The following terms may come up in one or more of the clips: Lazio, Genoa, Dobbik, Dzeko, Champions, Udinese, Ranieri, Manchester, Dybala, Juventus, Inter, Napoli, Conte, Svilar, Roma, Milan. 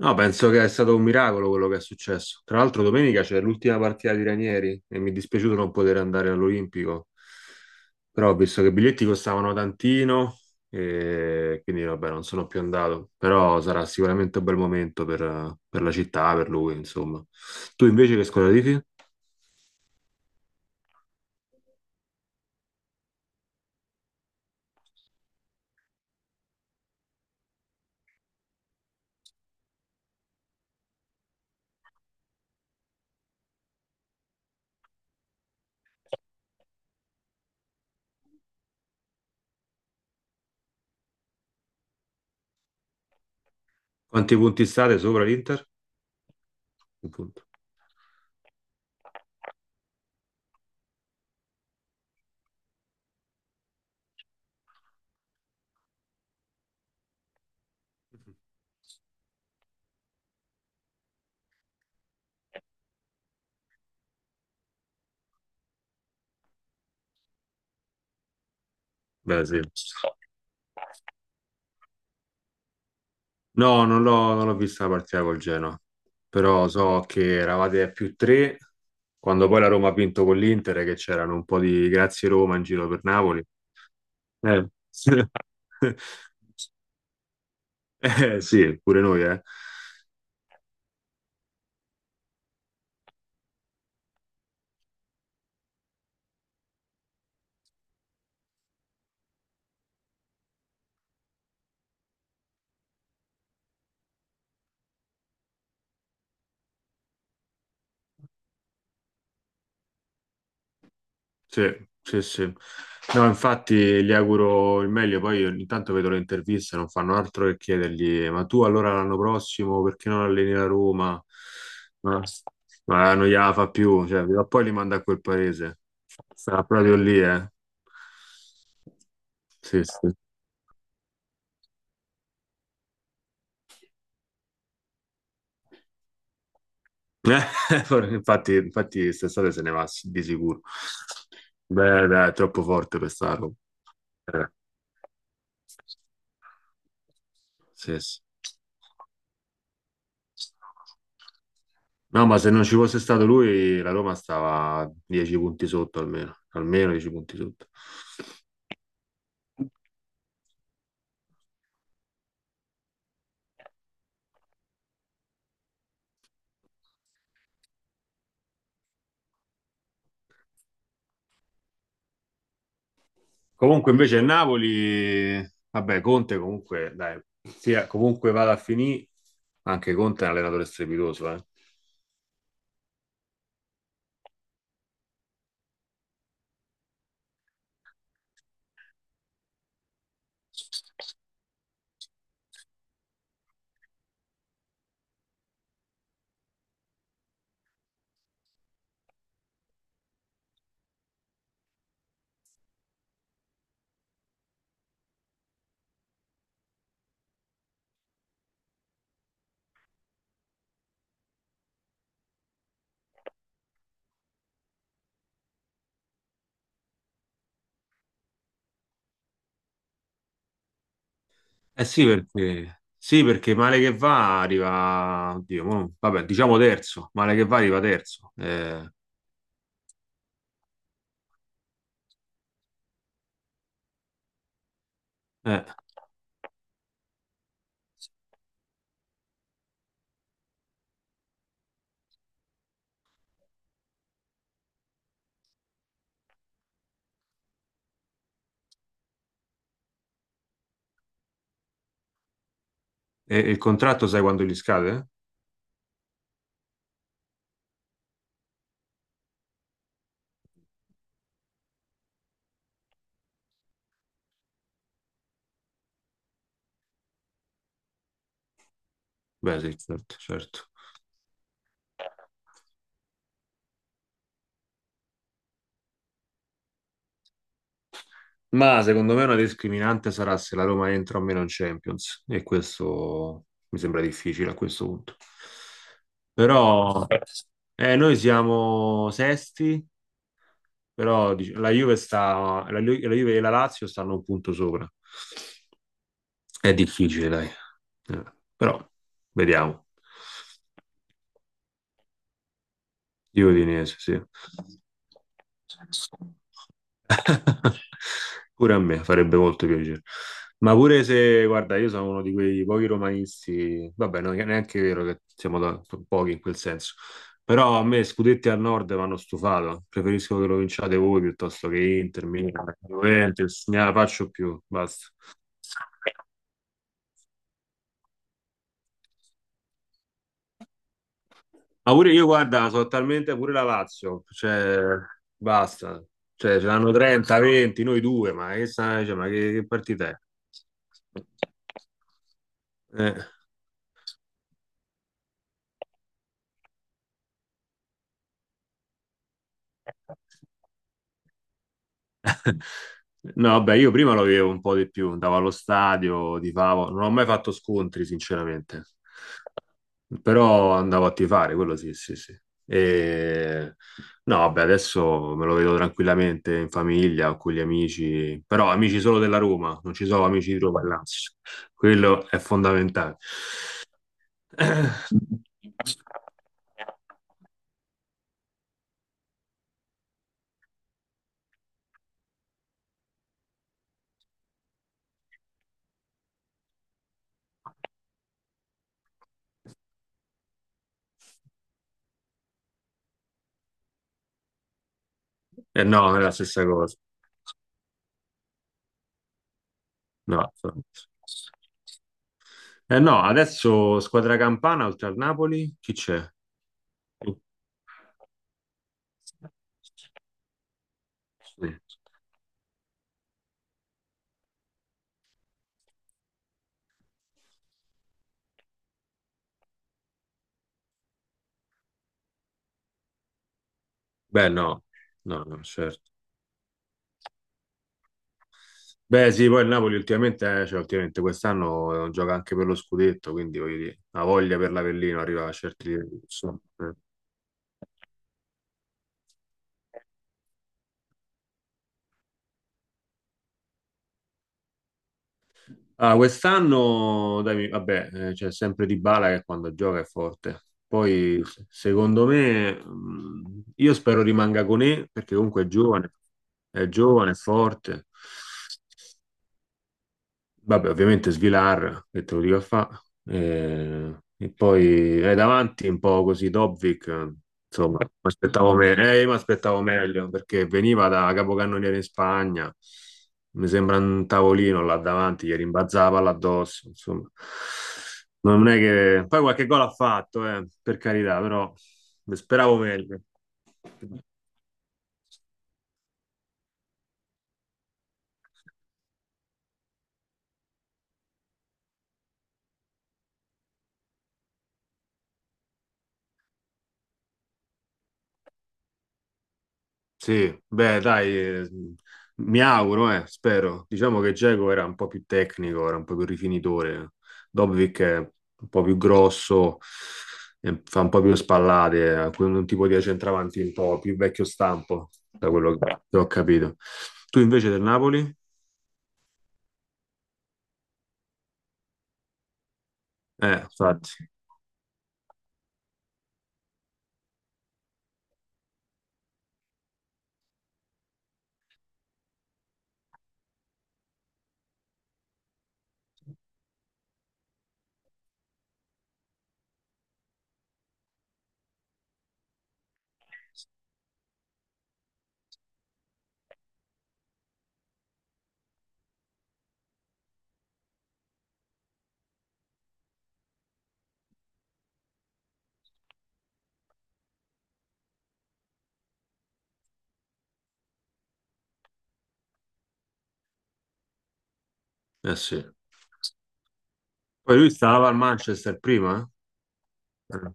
No, penso che è stato un miracolo quello che è successo. Tra l'altro, domenica c'è l'ultima partita di Ranieri e mi è dispiaciuto non poter andare all'Olimpico. Però ho visto che i biglietti costavano tantino e quindi vabbè, non sono più andato. Però sarà sicuramente un bel momento per la città, per lui, insomma. Tu invece che squadra tifi? Quanti punti state sopra l'Inter? Un punto. Beh, sì. No, non l'ho vista la partita col Genoa, però so che eravate a più tre quando poi la Roma ha vinto con l'Inter, e che c'erano un po' di grazie Roma in giro per Napoli. Eh. Sì, pure noi, eh. Sì, sì, sì. No, infatti gli auguro il meglio, poi io ogni tanto vedo le interviste, non fanno altro che chiedergli, ma tu allora l'anno prossimo perché non alleni la Roma? Ma, ma non gliela fa più, cioè, prima o poi li manda a quel paese. Sarà proprio lì, eh. Sì, sì. Infatti, infatti quest'estate se ne va di sicuro. Beh, dai, è troppo forte per sta roba. Eh, sì, sì. No, ma se non ci fosse stato lui, la Roma stava 10 punti sotto almeno, almeno 10 punti sotto. Comunque invece il Napoli, vabbè, Conte comunque, dai, sia comunque vada a finire, anche Conte è un allenatore strepitoso, eh. Eh sì, perché male che va arriva, oddio, vabbè, diciamo terzo, male che va arriva terzo. Eh, e il contratto sai quando gli scade? Beh, sì, certo, certo. Ma secondo me una discriminante sarà se la Roma entra o meno in Champions e questo mi sembra difficile a questo punto. Però noi siamo sesti, però la Juve e la Lazio stanno un punto sopra. È difficile, dai. Eh, però vediamo. Di Udinese, sì. Pure a me farebbe molto piacere. Ma pure se, guarda, io sono uno di quei pochi romanisti, vabbè, non è neanche vero che siamo pochi in quel senso, però a me scudetti al nord vanno stufato, preferisco che lo vinciate voi piuttosto che Inter, Milan, Juventus, ne la faccio più, basta. Ma pure io, guarda, sono talmente pure la Lazio, cioè, basta. Cioè, ce l'hanno 30, 20, noi due, ma che, cioè, ma che, partita è? Eh. No, vabbè, io prima lo vivevo un po' di più, andavo allo stadio, tifavo, non ho mai fatto scontri, sinceramente, però andavo a tifare, quello sì, sì, sì. E... No, vabbè, adesso me lo vedo tranquillamente in famiglia o con gli amici, però amici solo della Roma, non ci sono amici di Roma e Lazio, quello è fondamentale. Eh no, non è la stessa cosa. No, no. Eh no, adesso squadra campana oltre al Napoli, chi c'è? Mm. Beh, no, no, no, certo. Beh, sì, poi il Napoli ultimamente, cioè, ultimamente quest'anno gioca anche per lo scudetto, quindi voglio dire, la voglia per l'Avellino arriva a certi livelli, insomma, eh. Ah, quest'anno, dai, vabbè, c'è sempre Dybala che quando gioca è forte. Poi, secondo me, io spero rimanga con E, perché comunque è giovane, è giovane, è forte. Vabbè, ovviamente Svilar, che te lo dico a fa. E poi davanti un po' così Dobbik, insomma, mi aspettavo mi aspettavo meglio perché veniva da capocannoniere in Spagna. Mi sembra un tavolino là davanti, gli rimbalzava là addosso, insomma. Non è che... Poi qualche gol ha fatto, per carità, però speravo meglio. Sì, beh, dai, mi auguro, spero. Diciamo che Dzeko era un po' più tecnico, era un po' più rifinitore. Dobbik è un po' più grosso, fa un po' più spallate, ha un tipo di centravanti un po' più vecchio stampo, da quello che ho capito. Tu invece del Napoli? Infatti, eh sì. Poi lui stava al Manchester prima? Eh?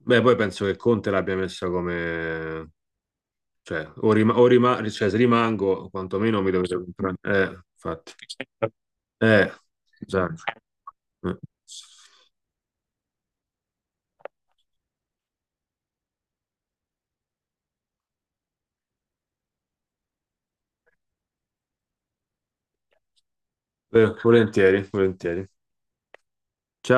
Beh, poi penso che Conte l'abbia messa come... Cioè, se rimango, quantomeno mi dovete comprare. Infatti. Eh, esatto. Eh. Volentieri, volentieri. Ciao.